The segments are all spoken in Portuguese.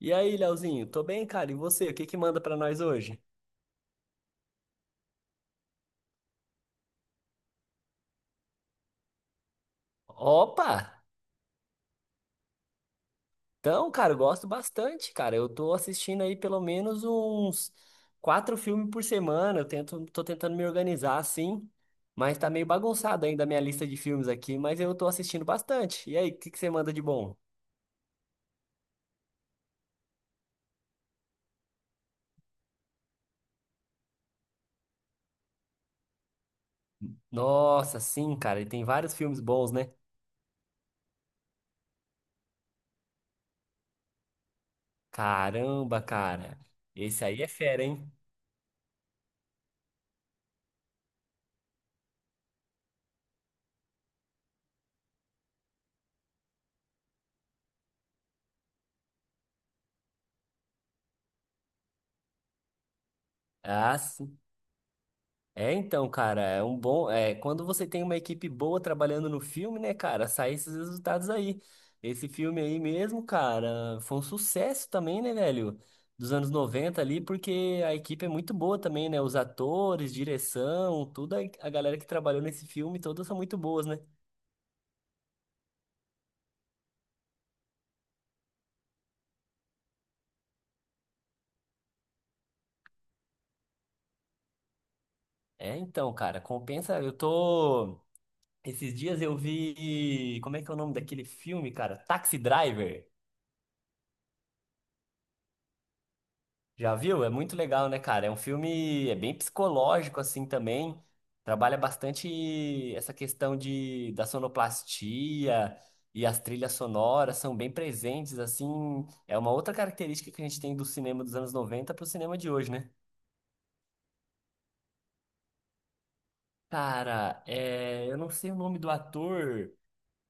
E aí, Leozinho, tô bem, cara. E você, o que que manda pra nós hoje? Opa! Então, cara, eu gosto bastante, cara. Eu tô assistindo aí pelo menos uns quatro filmes por semana. Tô tentando me organizar assim, mas tá meio bagunçado ainda a minha lista de filmes aqui, mas eu tô assistindo bastante. E aí, o que que você manda de bom? Nossa, sim, cara, e tem vários filmes bons, né? Caramba, cara. Esse aí é fera, hein? Ah, sim. É, então, cara, é um bom. É, quando você tem uma equipe boa trabalhando no filme, né, cara, saem esses resultados aí. Esse filme aí mesmo, cara, foi um sucesso também, né, velho? Dos anos 90 ali, porque a equipe é muito boa também, né? Os atores, direção, toda a galera que trabalhou nesse filme, todas são muito boas, né? É, então, cara, compensa. Eu tô. Esses dias eu vi. Como é que é o nome daquele filme, cara? Taxi Driver. Já viu? É muito legal, né, cara? É um filme, é bem psicológico assim também. Trabalha bastante essa questão de da sonoplastia e as trilhas sonoras são bem presentes assim. É uma outra característica que a gente tem do cinema dos anos 90 para o cinema de hoje, né? Cara, é, eu não sei o nome do ator,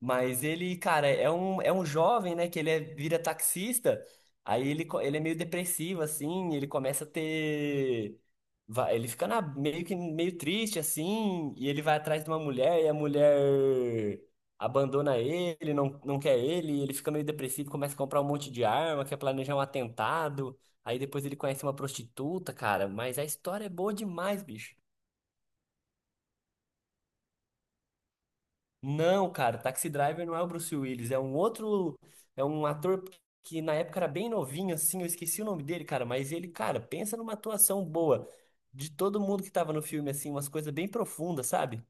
mas ele, cara, é um jovem, né? Que ele vira taxista. Aí ele é meio depressivo, assim. Ele começa a ter. Ele fica meio que meio triste, assim. E ele vai atrás de uma mulher. E a mulher abandona ele, não, não quer ele. E ele fica meio depressivo, começa a comprar um monte de arma, quer planejar um atentado. Aí depois ele conhece uma prostituta, cara. Mas a história é boa demais, bicho. Não, cara, Taxi Driver não é o Bruce Willis, é um outro, é um ator que na época era bem novinho, assim, eu esqueci o nome dele, cara, mas ele, cara, pensa numa atuação boa de todo mundo que tava no filme, assim, umas coisas bem profundas, sabe?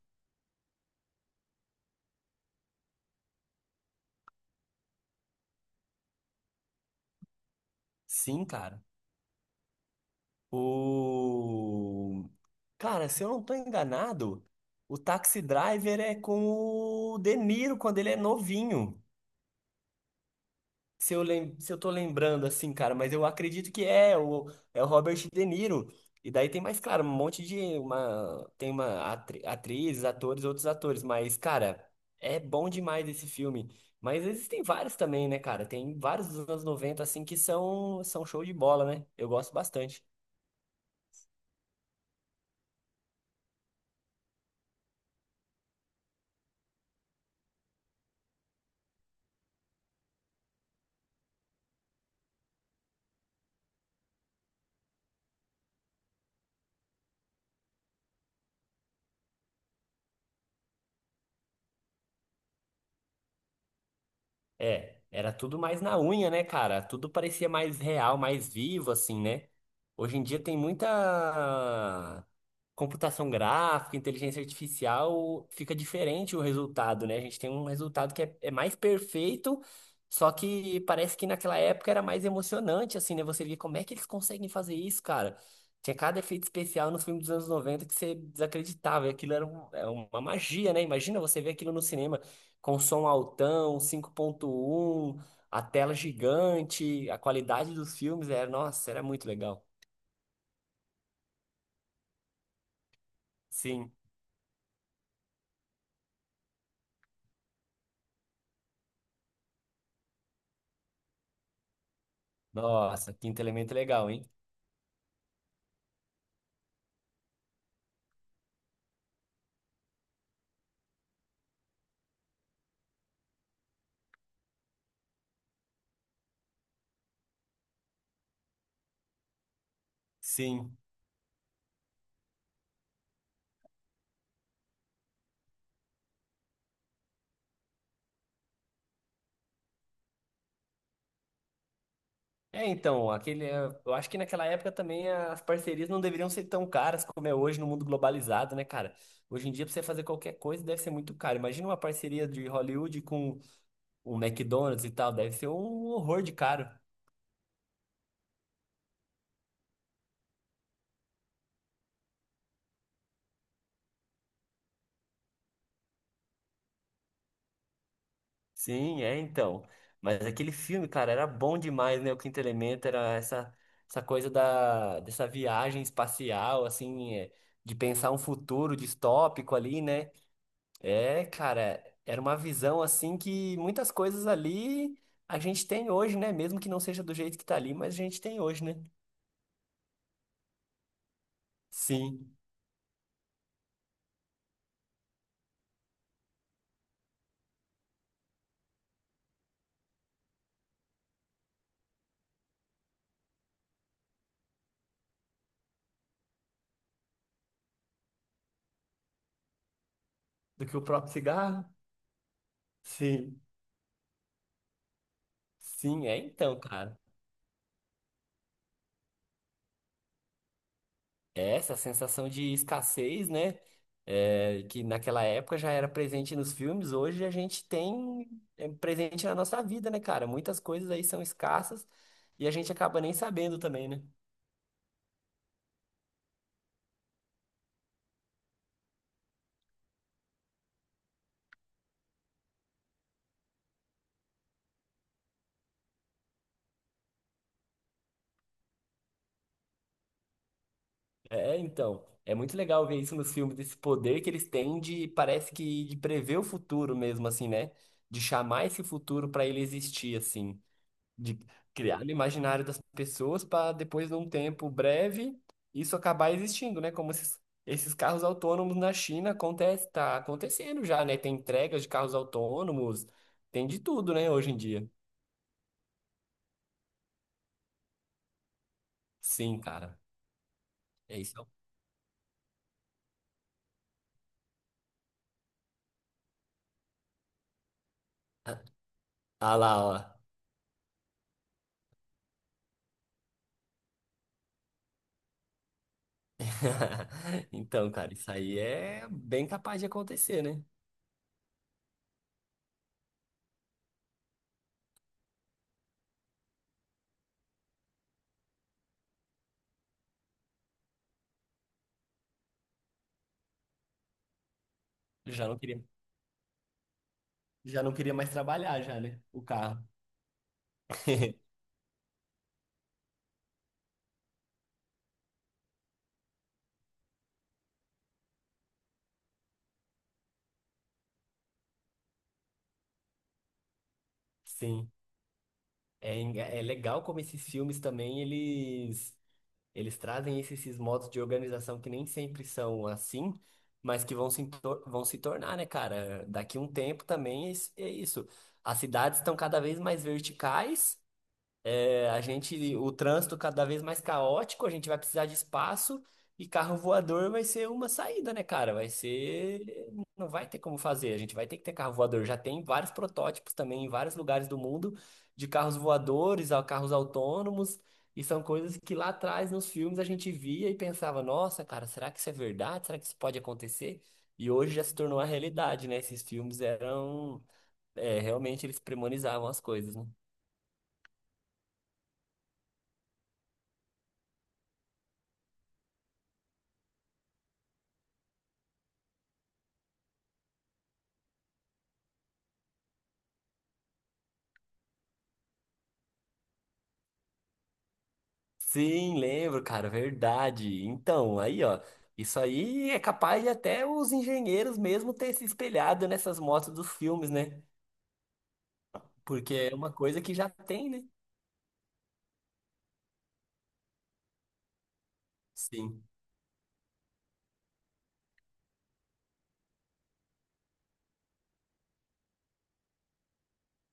Sim, cara. O... Cara, se eu não tô enganado, o Taxi Driver é com o De Niro quando ele é novinho. Se eu tô lembrando assim, cara, mas eu acredito que é o Robert De Niro. E daí tem mais, claro, um monte de uma tem uma atri atrizes, atores, outros atores, mas cara, é bom demais esse filme. Mas existem vários também, né, cara? Tem vários dos anos 90 assim que são show de bola, né? Eu gosto bastante. É, era tudo mais na unha, né, cara? Tudo parecia mais real, mais vivo, assim, né? Hoje em dia tem muita computação gráfica, inteligência artificial, fica diferente o resultado, né? A gente tem um resultado que é mais perfeito, só que parece que naquela época era mais emocionante, assim, né? Você via como é que eles conseguem fazer isso, cara? Tinha cada efeito especial nos filmes dos anos 90 que você desacreditava, e aquilo é uma magia, né? Imagina você ver aquilo no cinema com som altão, 5.1, a tela gigante, a qualidade dos filmes era, nossa, era muito legal. Sim. Nossa, Quinto Elemento é legal, hein? Sim. É, então, aquele, eu acho que naquela época também as parcerias não deveriam ser tão caras como é hoje no mundo globalizado, né, cara? Hoje em dia, pra você fazer qualquer coisa, deve ser muito caro. Imagina uma parceria de Hollywood com o McDonald's e tal, deve ser um horror de caro. Sim, é então. Mas aquele filme, cara, era bom demais, né? O Quinto Elemento era essa coisa dessa viagem espacial, assim, é, de pensar um futuro distópico ali, né? É, cara, era uma visão, assim, que muitas coisas ali a gente tem hoje, né? Mesmo que não seja do jeito que tá ali, mas a gente tem hoje, né? Sim. Do que o próprio cigarro? Sim. Sim, é então, cara. É essa sensação de escassez, né? É, que naquela época já era presente nos filmes, hoje a gente tem presente na nossa vida, né, cara? Muitas coisas aí são escassas e a gente acaba nem sabendo também, né? É, então, é muito legal ver isso nos filmes, esse poder que eles têm de, parece que de prever o futuro mesmo, assim, né? De chamar esse futuro para ele existir, assim, de criar no imaginário das pessoas para depois, num tempo breve, isso acabar existindo, né? Como esses carros autônomos na China acontece, tá acontecendo já, né? Tem entregas de carros autônomos, tem de tudo, né, hoje em dia. Sim, cara. É isso. Ah lá, ó. Então, cara, isso aí é bem capaz de acontecer, né? Já não queria, já não queria mais trabalhar já, né? O carro. Sim. É, é legal como esses filmes também, eles trazem esses modos de organização que nem sempre são assim, mas que vão se tornar, né, cara? Daqui um tempo também é isso. As cidades estão cada vez mais verticais é, a gente, o trânsito cada vez mais caótico, a gente vai precisar de espaço e carro voador vai ser uma saída, né, cara? Vai ser, não vai ter como fazer, a gente vai ter que ter carro voador. Já tem vários protótipos também em vários lugares do mundo de carros voadores, a carros autônomos, e são coisas que lá atrás nos filmes a gente via e pensava, nossa, cara, será que isso é verdade? Será que isso pode acontecer? E hoje já se tornou a realidade, né? Esses filmes eram, realmente eles premonizavam as coisas, né? Sim, lembro, cara, verdade. Então, aí, ó, isso aí é capaz de até os engenheiros mesmo ter se espelhado nessas motos dos filmes, né? Porque é uma coisa que já tem, né? Sim,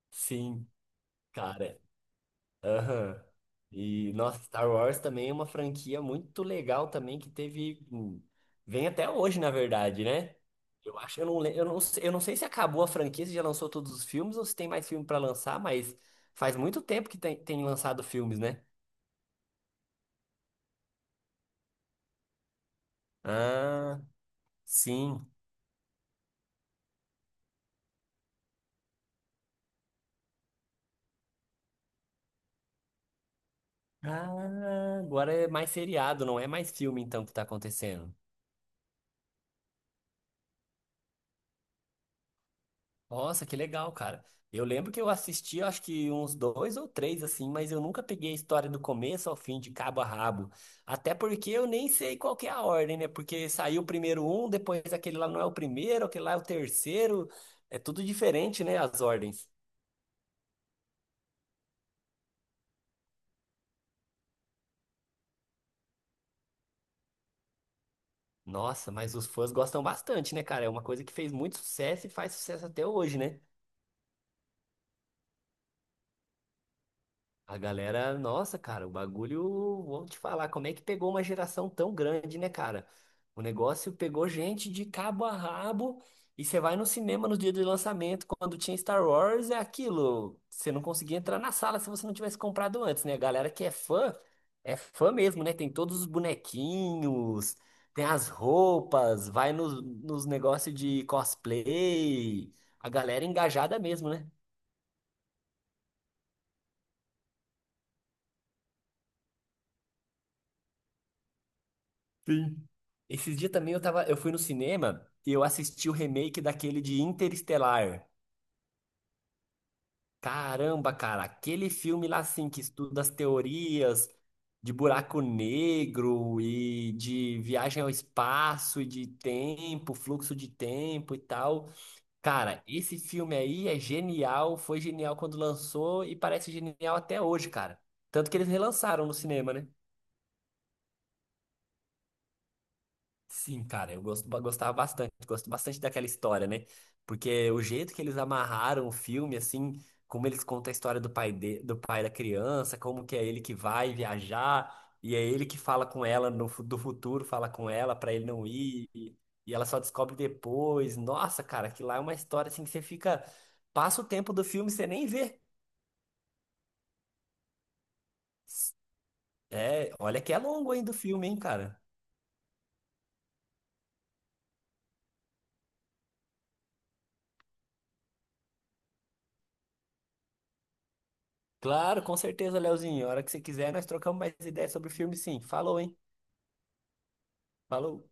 sim, cara. Aham. E, nossa, Star Wars também é uma franquia muito legal também que teve. Vem até hoje, na verdade, né? Eu acho, eu não, le- eu não sei se acabou a franquia, se já lançou todos os filmes ou se tem mais filme pra lançar, mas faz muito tempo que tem lançado filmes, né? Ah, sim. Ah, agora é mais seriado, não é mais filme então que tá acontecendo. Nossa, que legal, cara. Eu lembro que eu assisti, acho que uns dois ou três assim, mas eu nunca peguei a história do começo ao fim, de cabo a rabo. Até porque eu nem sei qual que é a ordem, né? Porque saiu primeiro um, depois aquele lá não é o primeiro, aquele lá é o terceiro. É tudo diferente, né? As ordens. Nossa, mas os fãs gostam bastante, né, cara? É uma coisa que fez muito sucesso e faz sucesso até hoje, né? A galera, nossa, cara, o bagulho, vou te falar, como é que pegou uma geração tão grande, né, cara? O negócio pegou gente de cabo a rabo e você vai no cinema no dia do lançamento, quando tinha Star Wars, é aquilo. Você não conseguia entrar na sala se você não tivesse comprado antes, né? A galera que é fã mesmo, né? Tem todos os bonequinhos, tem as roupas, vai nos negócios de cosplay. A galera é engajada mesmo, né? Sim. Esses dias também eu fui no cinema e eu assisti o remake daquele de Interestelar. Caramba, cara, aquele filme lá assim que estuda as teorias de buraco negro e de viagem ao espaço e de tempo, fluxo de tempo e tal. Cara, esse filme aí é genial, foi genial quando lançou e parece genial até hoje, cara. Tanto que eles relançaram no cinema, né? Sim, cara, gostava bastante, gosto bastante daquela história, né? Porque o jeito que eles amarraram o filme, assim, como eles contam a história do pai, do pai da criança, como que é ele que vai viajar, e é ele que fala com ela no, fu- do futuro, fala com ela pra ele não ir, e ela só descobre depois. Nossa, cara, que lá é uma história assim que você fica, passa o tempo do filme e você nem vê. É, olha que é longo ainda o filme, hein, cara? Claro, com certeza, Leozinho. A hora que você quiser, nós trocamos mais ideias sobre o filme, sim. Falou, hein? Falou.